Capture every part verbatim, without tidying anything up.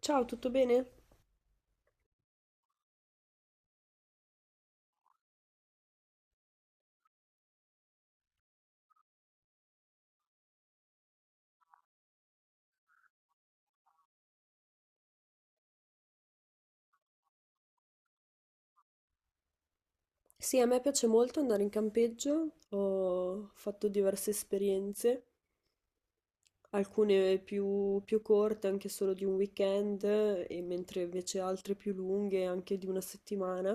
Ciao, tutto bene? Sì, a me piace molto andare in campeggio, ho fatto diverse esperienze, alcune più, più corte, anche solo di un weekend, e mentre invece altre più lunghe, anche di una settimana.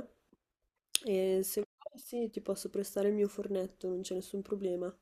E se vuoi, sì, ti posso prestare il mio fornetto, non c'è nessun problema.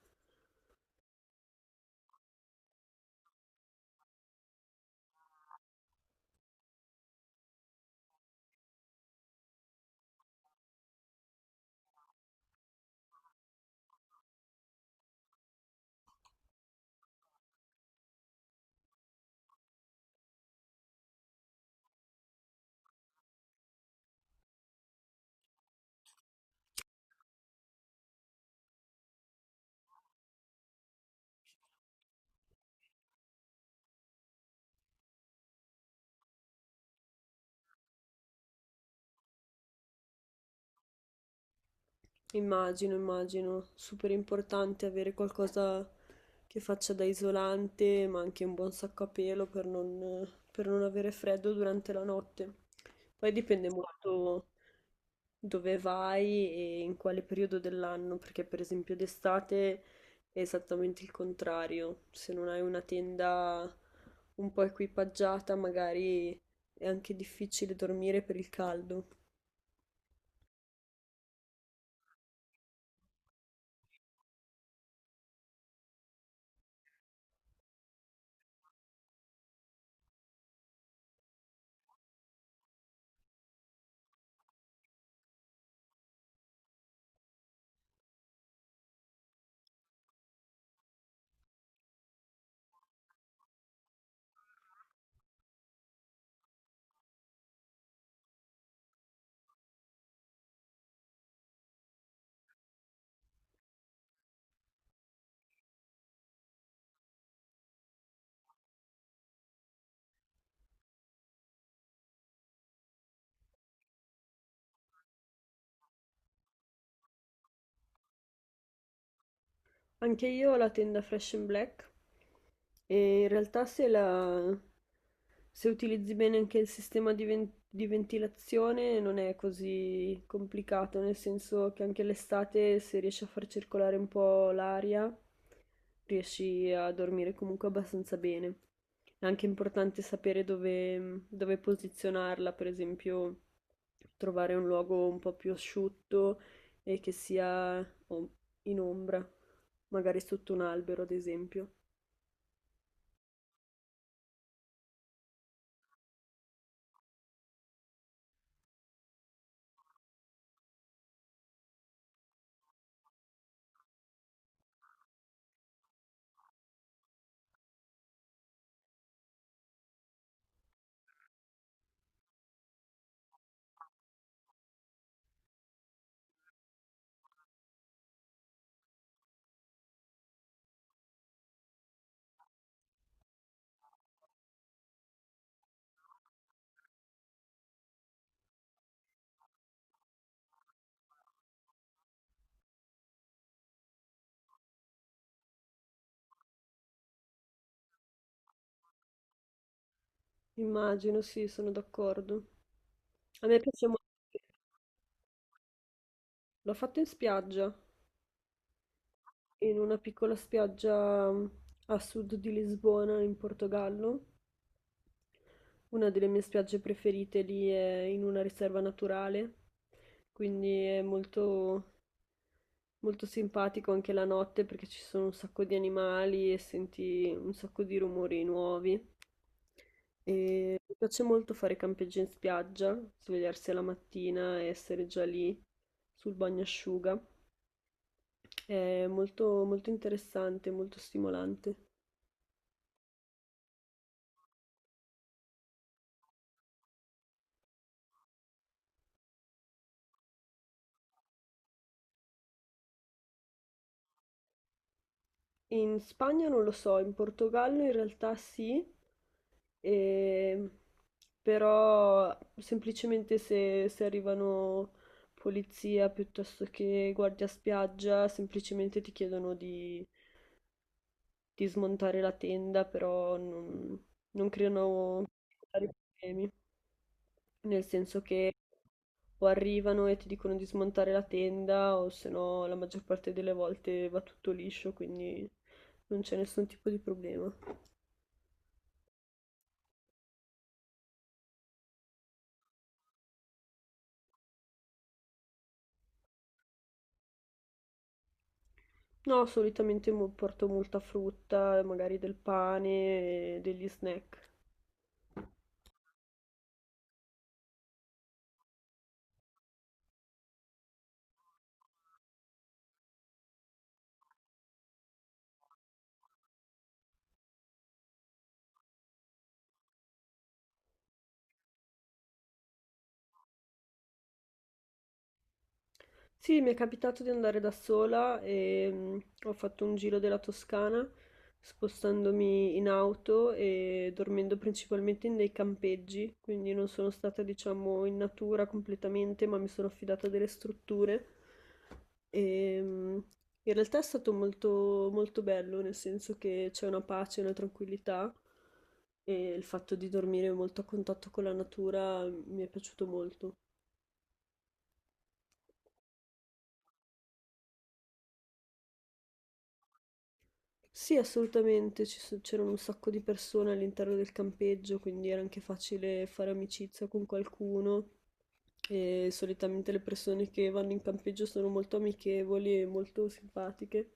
Immagino, immagino, super importante avere qualcosa che faccia da isolante, ma anche un buon sacco a pelo per non, per non avere freddo durante la notte. Poi dipende molto dove vai e in quale periodo dell'anno, perché per esempio d'estate è esattamente il contrario. Se non hai una tenda un po' equipaggiata, magari è anche difficile dormire per il caldo. Anche io ho la tenda Fresh and Black e in realtà se, la- se utilizzi bene anche il sistema di, ven- di ventilazione non è così complicato, nel senso che anche l'estate se riesci a far circolare un po' l'aria riesci a dormire comunque abbastanza bene. È anche importante sapere dove, dove posizionarla, per esempio trovare un luogo un po' più asciutto e che sia om- in ombra, magari sotto un albero, ad esempio. Immagino, sì, sono d'accordo. A me piace molto. L'ho fatto in spiaggia, in una piccola spiaggia mm, a sud di Lisbona, in Portogallo. Una delle mie spiagge preferite lì è in una riserva naturale, quindi è molto molto simpatico anche la notte perché ci sono un sacco di animali e senti un sacco di rumori nuovi. E mi piace molto fare campeggio in spiaggia, svegliarsi la mattina e essere già lì sul bagnasciuga. È molto, molto interessante, molto stimolante. In Spagna non lo so, in Portogallo in realtà sì, E- però semplicemente se, se arrivano polizia piuttosto che guardia spiaggia, semplicemente ti chiedono di, di smontare la tenda, però non, non creano tali problemi, nel senso che o arrivano e ti dicono di smontare la tenda, o se no la maggior parte delle volte va tutto liscio, quindi non c'è nessun tipo di problema. No, solitamente mo- porto molta frutta, magari del pane, e degli snack. Sì, mi è capitato di andare da sola e mm, ho fatto un giro della Toscana spostandomi in auto e dormendo principalmente in dei campeggi, quindi non sono stata, diciamo, in natura completamente, ma mi sono affidata a delle strutture. E, mm, In realtà è stato molto, molto bello, nel senso che c'è una pace, una tranquillità e il fatto di dormire molto a contatto con la natura mi è piaciuto molto. Sì, assolutamente, ci so- c'erano un sacco di persone all'interno del campeggio, quindi era anche facile fare amicizia con qualcuno. E solitamente le persone che vanno in campeggio sono molto amichevoli e molto simpatiche,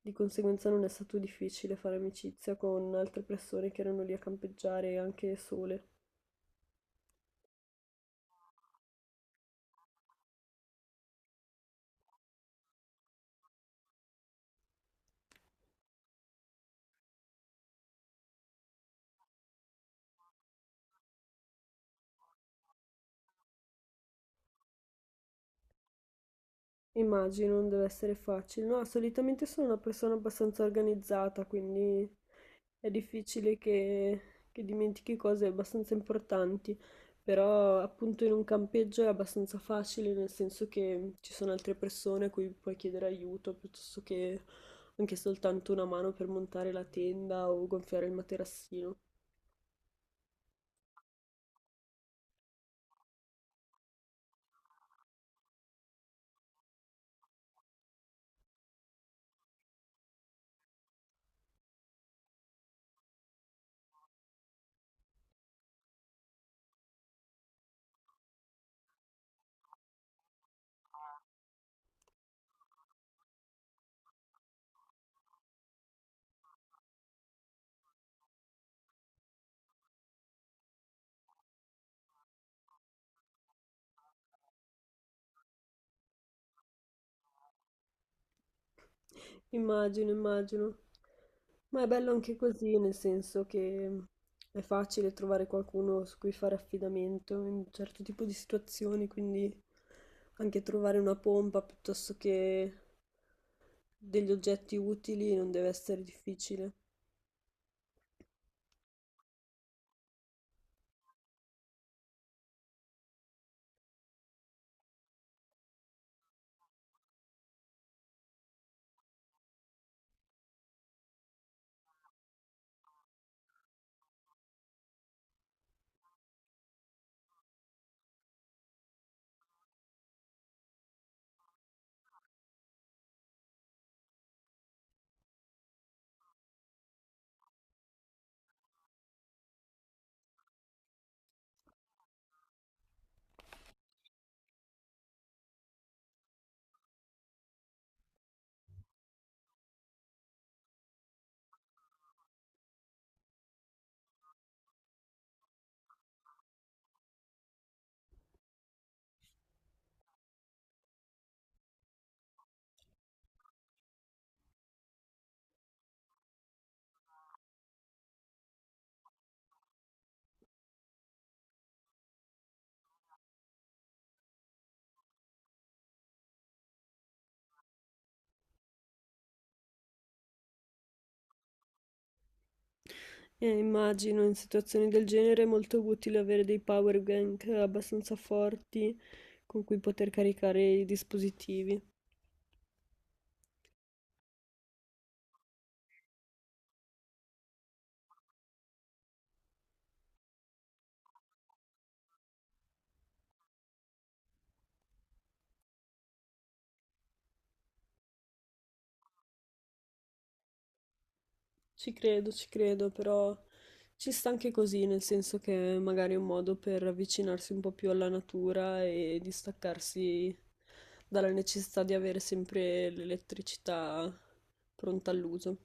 di conseguenza non è stato difficile fare amicizia con altre persone che erano lì a campeggiare anche sole. Immagino, non deve essere facile. No, solitamente sono una persona abbastanza organizzata, quindi è difficile che, che dimentichi cose abbastanza importanti, però appunto in un campeggio è abbastanza facile, nel senso che ci sono altre persone a cui puoi chiedere aiuto, piuttosto che anche soltanto una mano per montare la tenda o gonfiare il materassino. Immagino, immagino. Ma è bello anche così, nel senso che è facile trovare qualcuno su cui fare affidamento in un certo tipo di situazioni, quindi anche trovare una pompa piuttosto che degli oggetti utili non deve essere difficile. E immagino in situazioni del genere è molto utile avere dei power bank abbastanza forti con cui poter caricare i dispositivi. Ci credo, ci credo, però ci sta anche così, nel senso che magari è un modo per avvicinarsi un po' più alla natura e distaccarsi dalla necessità di avere sempre l'elettricità pronta all'uso.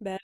Beh.